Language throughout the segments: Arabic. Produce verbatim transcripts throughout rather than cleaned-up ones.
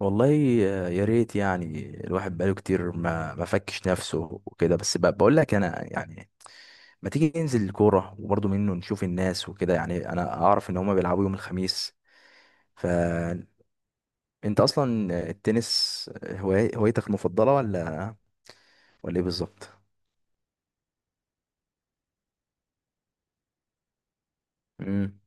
والله يا ريت يعني الواحد بقاله كتير ما ما فكش نفسه وكده، بس ب- بقول لك، انا يعني ما تيجي ننزل الكوره وبرضه منه نشوف الناس وكده. يعني انا اعرف ان هما بيلعبوا يوم الخميس. فانت اصلا التنس هواي... هوايتك المفضله ولا ولا ايه بالظبط؟ امم.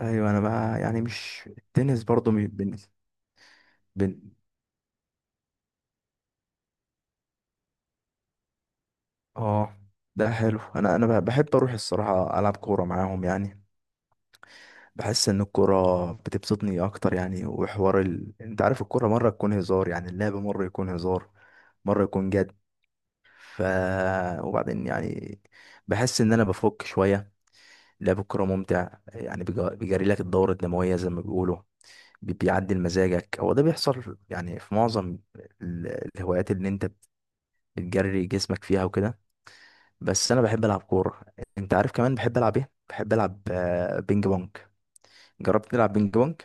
ايوه انا بقى يعني مش التنس برضه م- بن... بن... اه. ده حلو. انا انا بحب اروح الصراحه العب كوره معاهم يعني، بحس ان الكرة بتبسطني اكتر يعني. وحوار ال... انت عارف الكرة مرة تكون هزار، يعني اللعب مرة يكون هزار مرة يكون جد. ف وبعدين يعني بحس ان انا بفك شوية. لعب الكرة ممتع، يعني بيج- بيجري لك الدورة الدموية زي ما بيقولوا، بي- بيعدل مزاجك. هو ده بيحصل يعني في معظم ال- الهوايات اللي انت بتجري جسمك فيها وكده. بس انا بحب العب كورة. انت عارف كمان بحب العب ايه؟ بحب العب آه، بينج بونج. جربت تلعب بينج بونج؟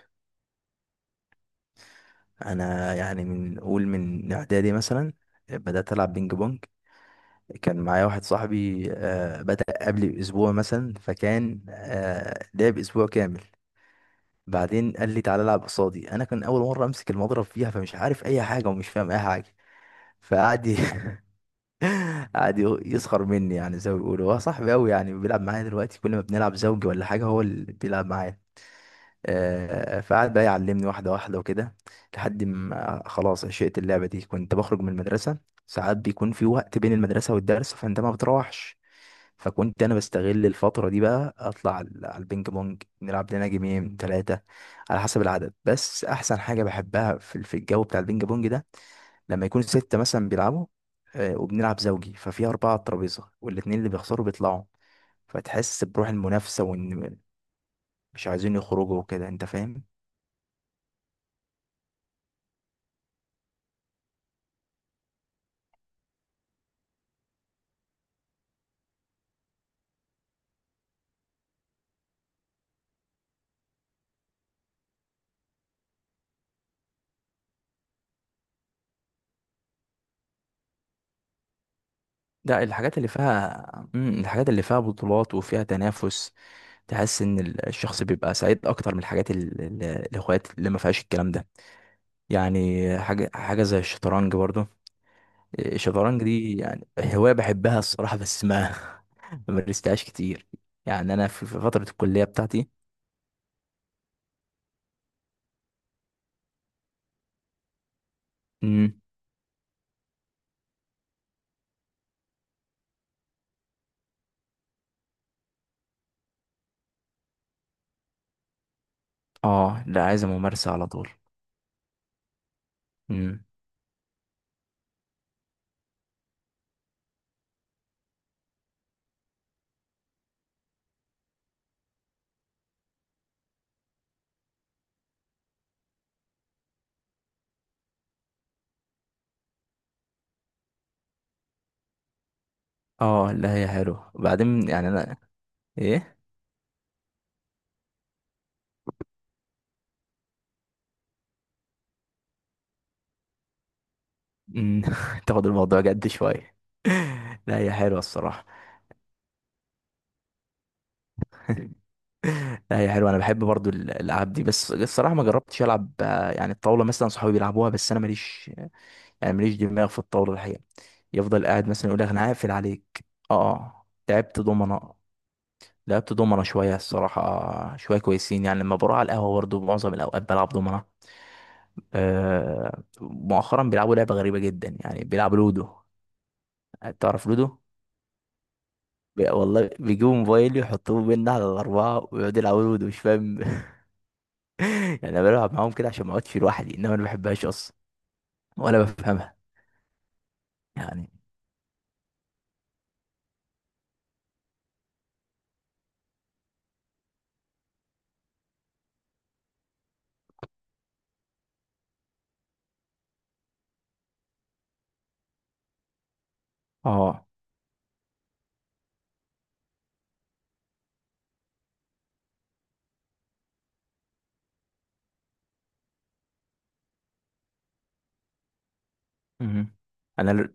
انا يعني من قول من اعدادي مثلا بدات العب بينج بونج. كان معايا واحد صاحبي، آه، بدأ قبلي باسبوع مثلا، فكان آه، لعب اسبوع كامل. بعدين قال لي تعالى العب قصادي. انا كان اول مره امسك المضرب فيها، فمش عارف اي حاجه ومش فاهم اي حاجه. فقعد ي- قعد ي- يسخر مني، يعني زي ما بيقولوا. هو صاحبي قوي يعني، بيلعب معايا دلوقتي كل ما بنلعب زوجي ولا حاجه هو اللي بيلعب معايا. آه، فقعد بقى يعلمني واحدة واحدة وكده، لحد ما خلاص عشقت اللعبة دي. كنت بخرج من المدرسة، ساعات بيكون في وقت بين المدرسة والدرس فأنت ما بتروحش، فكنت أنا بستغل الفترة دي بقى أطلع على على البينج بونج نلعب لنا جيمين تلاتة على حسب العدد. بس أحسن حاجة بحبها في في الجو بتاع البينج بونج ده لما يكون ستة مثلا بيلعبوا، آه، وبنلعب زوجي ففي أربعة على الترابيزة والاتنين اللي بيخسروا بيطلعوا، فتحس بروح المنافسة وإن مش عايزين يخرجوا وكده. أنت فاهم؟ ده الحاجات اللي فيها، مم، الحاجات اللي فيها بطولات وفيها تنافس تحس ان ال- الشخص بيبقى سعيد اكتر من الحاجات ال- ال- الاخوات اللي ما فيهاش الكلام ده، يعني. حاجه حاجه زي الشطرنج برضو. الشطرنج دي يعني هوايه بحبها الصراحه، بس ما ما مارستهاش كتير يعني. انا في في فتره الكليه بتاعتي. امم. اه لا، عايز ممارسه على طول. امم. اه لا هي حلوه، وبعدين يعني انا، ايه؟ امم. تاخد الموضوع جد شويه. لا هي حلوه الصراحه. لا هي حلوه. انا بحب برضو ال- الالعاب دي، بس الصراحه ما جربتش العب، آه، يعني الطاوله مثلا صحابي بيلعبوها بس انا ماليش، يعني ماليش دماغ في الطاوله الحقيقه. يفضل قاعد مثلا يقول لك انا هقفل عليك. اه. آه، لعبت دومنه. لعبت دومنه شويه الصراحه، آه، شويه كويسين يعني. لما بروح على القهوه برضو معظم الاوقات بلعب دومنه. آه، مؤخرا بيلعبوا لعبه غريبه جدا، يعني بيلعبوا لودو. تعرف لودو؟ بي- والله بيجيبوا موبايل يحطوه بينا على الأربعة ويقعدوا يلعبوا لودو مش فاهم. يعني انا بلعب معاهم كده عشان ما اقعدش في لوحدي، انما انا ما بحبهاش اصلا ولا بفهمها يعني. اه. مهم. انا ل-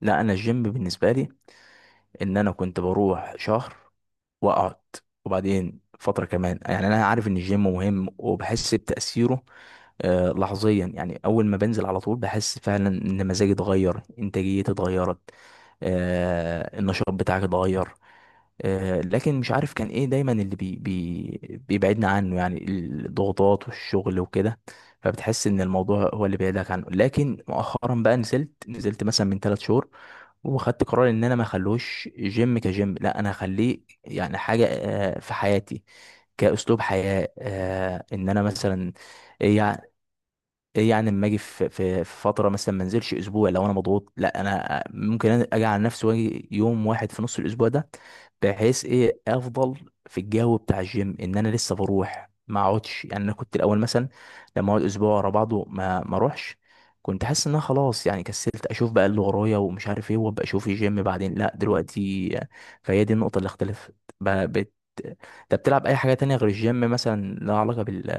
لا، انا الجيم بالنسبه لي ان انا كنت بروح شهر واقعد، وبعدين فتره كمان. يعني انا عارف ان الجيم مهم وبحس بتاثيره آه لحظيا، يعني اول ما بنزل على طول بحس فعلا ان مزاجي اتغير، انتاجيتي اتغيرت، آه النشاط بتاعك اتغير. آه، لكن مش عارف كان ايه دايما اللي بي بي بيبعدنا عنه، يعني الضغوطات والشغل وكده. فبتحس ان الموضوع هو اللي بعيدك عنه. لكن مؤخرا بقى نزلت نزلت مثلا من ثلاث شهور، وخدت قرار ان انا ما اخلوش جيم كجيم، لا انا اخليه يعني حاجة آه، في حياتي، كأسلوب حياة. آه، ان انا مثلا، يعني ايه؟ يعني لما اجي في في في فتره مثلا ما انزلش اسبوع لو انا مضغوط، لا انا ممكن اجي على نفسي واجي يوم واحد في نص الاسبوع ده، بحيث ايه افضل في الجو بتاع الجيم ان انا لسه بروح ما اقعدش. يعني انا كنت الاول مثلا لما اقعد اسبوع ورا بعضه ما ما اروحش، كنت حاسس ان انا خلاص يعني كسلت، اشوف بقى اللي ورايا ومش عارف ايه، وابقى اشوف الجيم بعدين. لا دلوقتي، فهي دي النقطه اللي اختلفت. ب- بت... انت بتلعب اي حاجه تانية غير الجيم مثلا لها علاقه بال...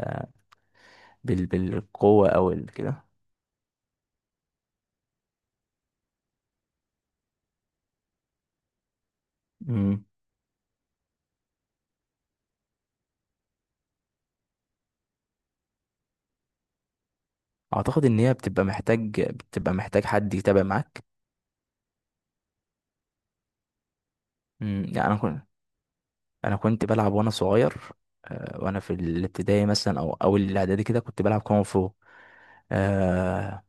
بال... بالقوه او ال- كده؟ مم. اعتقد ان هي بتبقى محتاج، بتبقى محتاج حد يتابع معاك. مم. يعني انا كنت، انا كنت بلعب وانا صغير، آه، وانا في الابتدائي مثلا او اول الاعدادي كده كنت بلعب كونغ فو. آه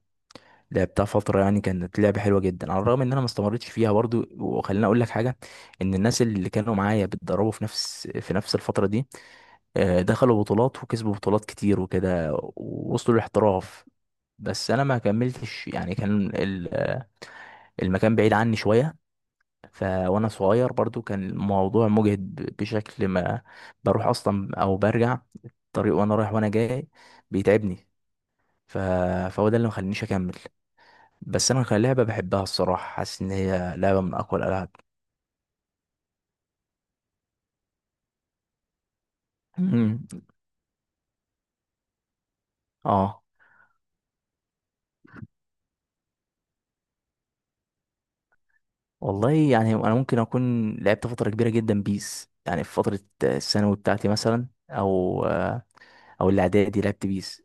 لعبتها فتره، يعني كانت لعبه حلوه جدا، على الرغم ان انا ما استمرتش فيها برضو. وخليني اقول لك حاجه: ان الناس اللي كانوا معايا بيتدربوا في نفس في نفس الفتره دي، آه، دخلوا بطولات وكسبوا بطولات كتير وكده ووصلوا للاحتراف. بس انا ما كملتش يعني. كان ال- المكان بعيد عني شويه، ف وانا صغير برضو كان الموضوع مجهد ب- بشكل ما. بروح اصلا او برجع، الطريق وانا رايح وانا جاي بيتعبني. ف... فهو ده اللي مخلينيش اكمل. بس انا كان لعبه بحبها الصراحه، حاسس ان هي لعبه من اقوى الالعاب. مم. اه. والله يعني انا ممكن اكون لعبت فتره كبيره جدا بيس، يعني في فتره الثانوي بتاعتي مثلا او او الاعدادي لعبت بيس.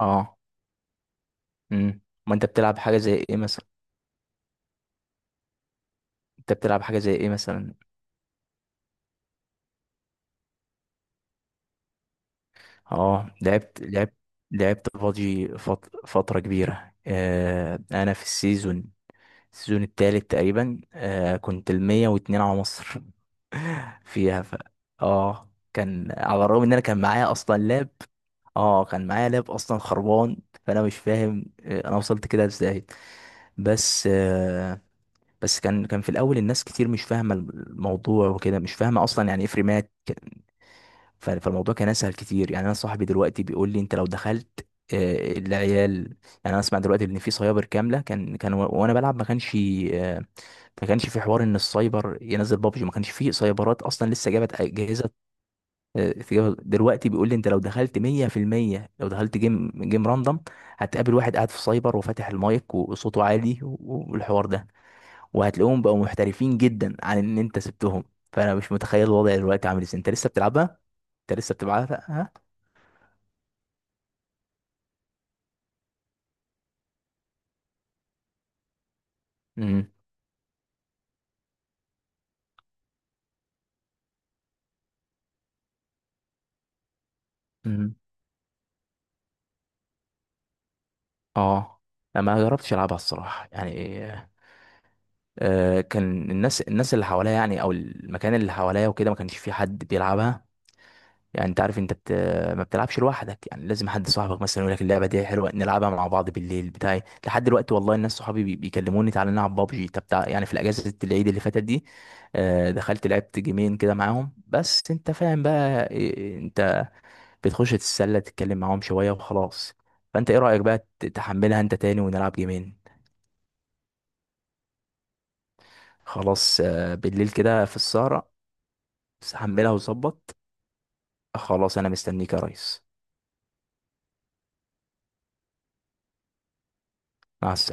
اه. امم ما انت بتلعب حاجه زي ايه مثلا؟ انت بتلعب حاجه زي ايه مثلا؟ اه. لعبت لعبت لعبت بابجي فت- فترة كبيرة. آه انا في السيزون، السيزون التالت تقريبا. آه، كنت المية واتنين على مصر فيها. ف... اه. كان على الرغم ان انا كان معايا اصلا لاب. اه، كان معايا لاب اصلا خربان، فانا مش فاهم، آه، انا وصلت كده ازاي. بس آه بس كان كان في الاول الناس كتير مش فاهمه الموضوع وكده، مش فاهمه اصلا يعني ايه فريمات. ف- فالموضوع كان اسهل كتير. يعني انا صاحبي دلوقتي بيقول لي انت لو دخلت، آه، العيال يعني. انا اسمع دلوقتي ان في سايبر كامله كان كان و- وانا بلعب ما كانش. آه، ما كانش في حوار ان السايبر ينزل بابجي، ما كانش في سايبرات اصلا لسه جابت اجهزه. آه، في- جابت- دلوقتي بيقول لي انت لو دخلت مية في المية، لو دخلت جيم جيم راندوم هتقابل واحد قاعد في سايبر وفاتح المايك وصوته عالي، و- والحوار ده، وهتلاقيهم بقوا محترفين جدا عن ان انت سبتهم. فانا مش متخيل الوضع دلوقتي عامل ازاي. انت لسه بتلعبها؟ انت لسه بتلعبها؟ امم. امم. اه لا، ما جربتش العبها الصراحه يعني. آه كان الناس الناس اللي حواليا يعني، او المكان اللي حواليا وكده ما كانش في حد بيلعبها. يعني انت عارف انت بت... ما بتلعبش لوحدك، يعني لازم حد صاحبك مثلا يقول لك اللعبه دي حلوه نلعبها مع بعض. بالليل بتاعي لحد دلوقتي والله الناس صحابي بي- بيكلموني تعالى نلعب بابجي. طب تع... يعني في الاجازه العيد اللي فاتت دي آه دخلت لعبت جيمين كده معاهم، بس انت فاهم بقى إيه- انت بتخش تتسلى تتكلم معاهم شوية وخلاص. فانت ايه رأيك بقى ت- تحملها انت تاني ونلعب جيمين؟ خلاص آه، بالليل كده في السهرة. بس حملها وظبط. خلاص انا مستنيك يا ريس. مع السلامة.